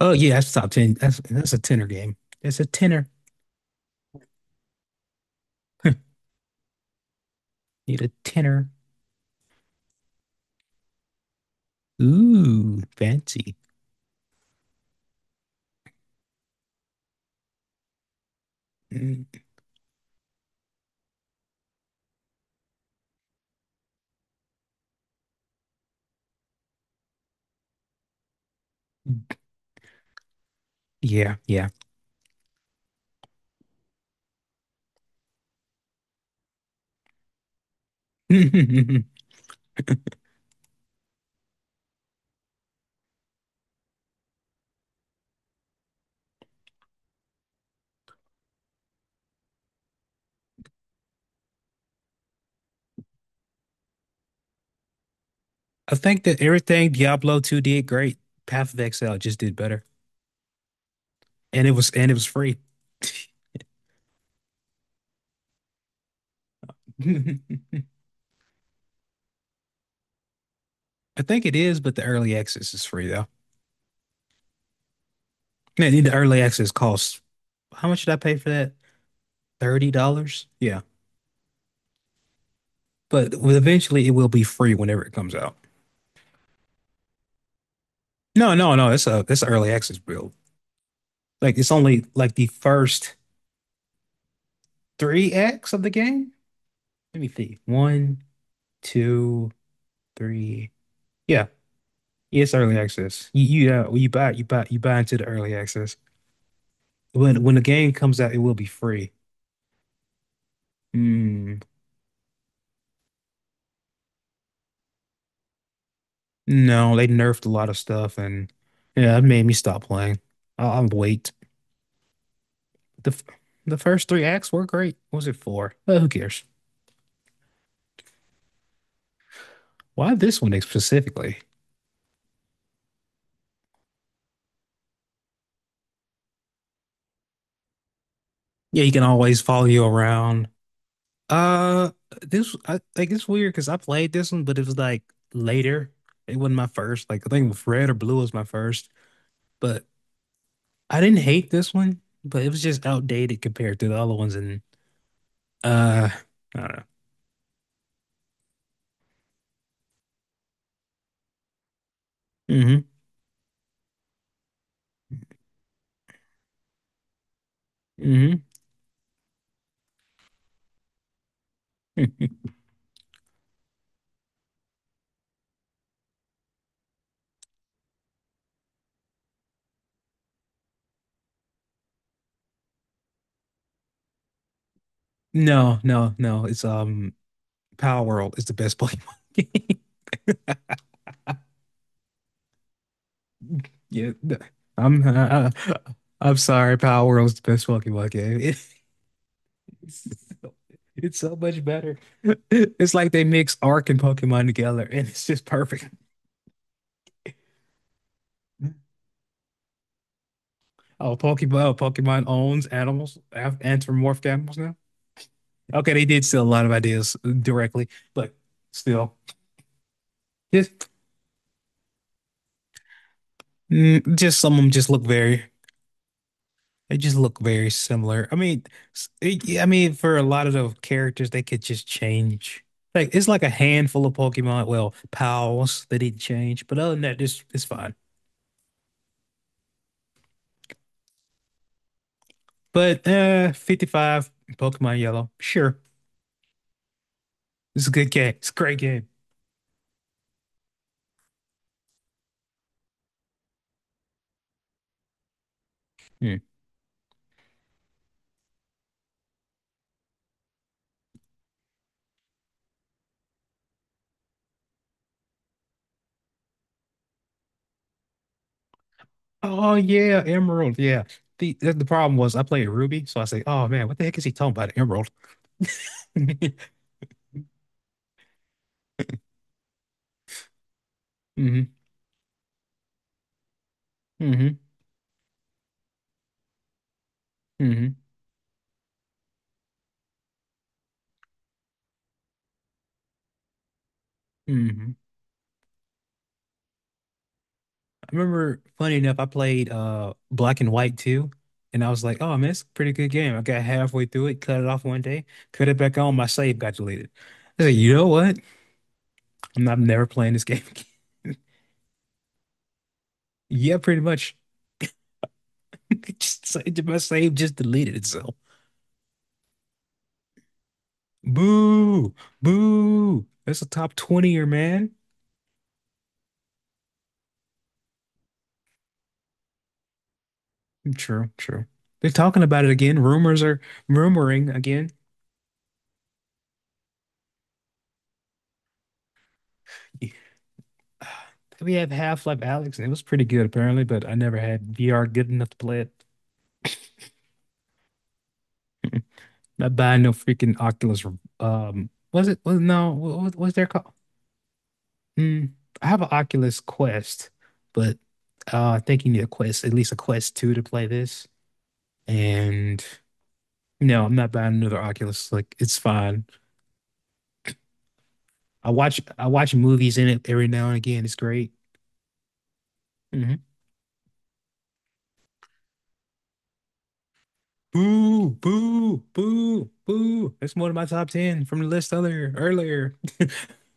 Oh yeah, that's top 10. That's a tenner game. That's a tenner. Need a tenner. Ooh, fancy. Mm, yeah, yeah. I think that everything Diablo 2 did great. Path of Exile just did better. And it was free. I think it is, but the early access is free though. Man, the early access costs, how much did I pay for that? $30? Yeah. But well, eventually it will be free whenever it comes out. No, no, no. It's an early access build. Like it's only like the first three acts of the game. Let me see. One, two, three. Yeah, it's early access. You you buy you buy you buy into the early access. When the game comes out, it will be free. Hmm. No, they nerfed a lot of stuff, and yeah, it made me stop playing. I'll wait. The f- the first three acts were great. What was it, four? Who cares? Why this one specifically? Yeah, you can always follow you around. Uh, this I like It's weird because I played this one, but it was like later. It wasn't my first. Like I think Red or Blue was my first, but I didn't hate this one, but it was just outdated compared to the other ones. And uh, I don't know. Mm-hmm. Mm-hmm. No, no, no. It's Power World is the best Pokemon game. Yeah, th- I'm I- I'm sorry. Power World is the best Pokemon game. It's so much better. It's like they mix Arc and Pokemon together, and it's just perfect. Oh, Pokemon owns animals, anthropomorphic animals now. Okay, they did steal a lot of ideas directly, but still, just just some of them just look very, they just look very similar. I mean, I mean, for a lot of the characters, they could just change. Like it's like a handful of Pokemon, well, pals, they didn't change, but other than that, this it's fine. But 55 Pokemon Yellow, sure, it's a good game. It's a great game. Yeah. Oh yeah, Emerald. Yeah. The problem was I played Ruby, so I say, oh man, what the heck is he talking about? Emerald. hmm. Hmm. Hmm. Hmm. I remember, funny enough, I played Black and White too, and I was like, oh man, it's a pretty good game. I got halfway through it, cut it off one day, cut it back on, my save got deleted. I said, you know what? I'm never playing this game again. Yeah, pretty much. My save just deleted itself. Boo, boo. That's a top 20er, man. True, true. They're talking about it again. Rumors are rumoring again. We have Half-Life Alex, and it was pretty good apparently, but I never had VR good enough to play it. Not buying no freaking Oculus. Was it? No, what was their call? Mm, I have an Oculus Quest, but I think you need a Quest, at least a Quest 2 to play this. And no, I'm not buying another Oculus. Like it's fine. I watch movies in it every now and again. It's great. Hmm. Boo, boo, boo, boo. That's one of my top 10 from the list other earlier.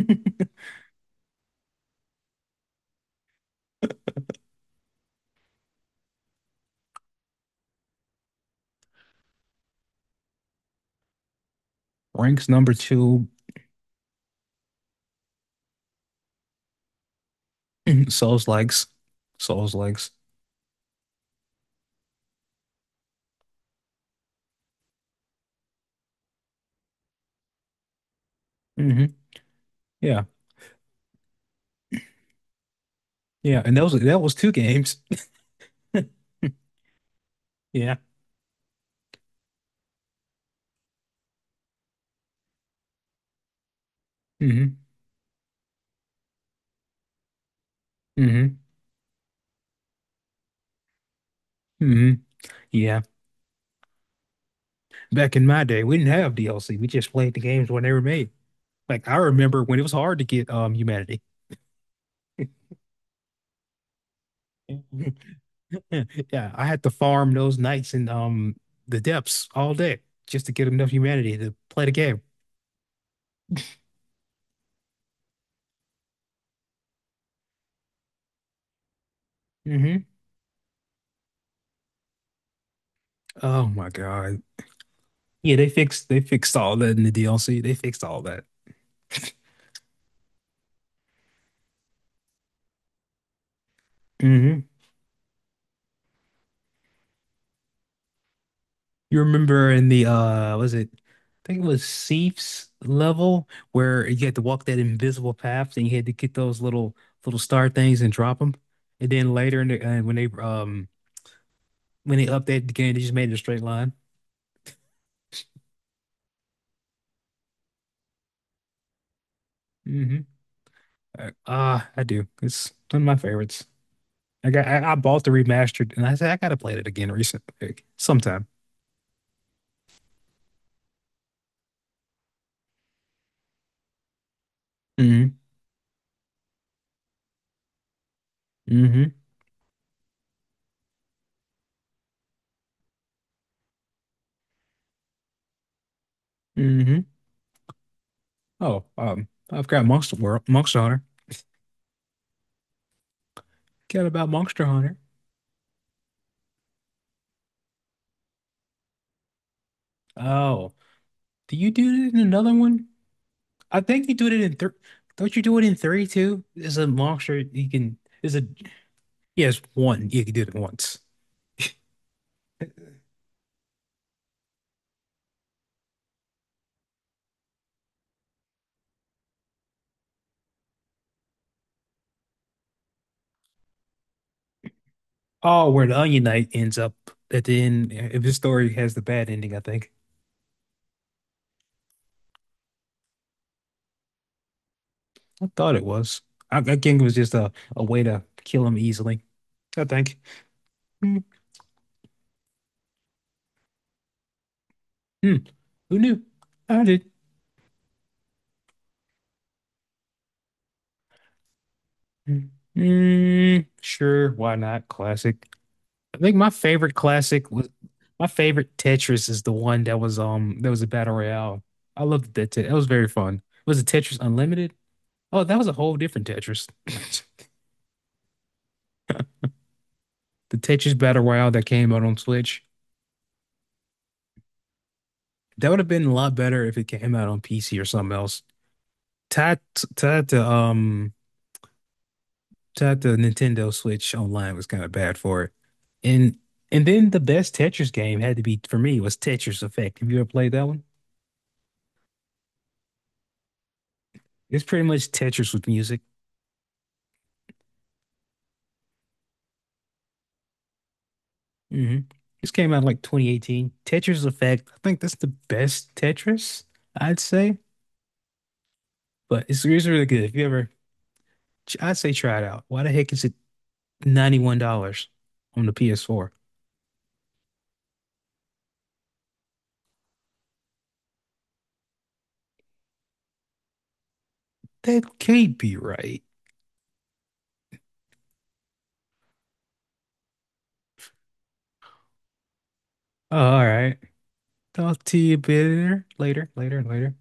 Ranks number two. Souls likes. Souls likes. Hmm. Yeah. Yeah. And that was two games. Yeah. Hmm. Hmm. Hmm. Yeah. Back in my day, we didn't have DLC. We just played the games when they were made. Like I remember when it was hard to get Humanity. Yeah, yeah. I had to farm those nights in the depths all day just to get enough humanity to play the game. Hmm. Oh my God. Yeah, they fixed all that in the DLC. They fixed all that. Hmm. You remember in the was it I think it was Seif's level where you had to walk that invisible path and you had to get those little star things and drop them. And then later in the when they updated the game, they just made it a straight line. Hmm. Ah, I do. It's one of my favorites. I bought the remastered and I said I gotta play it again recently sometime. Mm-hmm. Mm-hmm. Mm-hmm. Oh, I've got Monster World, Monster Hunter. Got about Monster Hunter. Oh, do you do it in another one? I think you do it in three. Don't you do it in three too? Is a monster you can, is a yes, one. Yeah, you can do it once. Oh, where the Onion Knight ends up at the end if his story has the bad ending, I think. I thought it was. I think it was just a way to kill him easily. I think. Mm, mm. Who knew? I did. Mm, mm, sure, why not? Classic. I think my favorite Tetris is the one that was a battle royale. I loved that. That was very fun. Was it Tetris Unlimited? Oh, that was a whole different Tetris. The Tetris battle royale that came out on Switch. That would have been a lot better if it came out on PC or something else. Tied to Shout out the Nintendo Switch online was kind of bad for it. And and then the best Tetris game had to be for me was Tetris Effect. Have you ever played that one? It's pretty much Tetris with music. Hmm. This came out in like 2018. Tetris Effect. I think that's the best Tetris, I'd say. But it's really good. If you ever, I'd say try it out. Why the heck is it $91 on the PS4? That can't be right. Oh, all right. Talk to you later, later, later, later.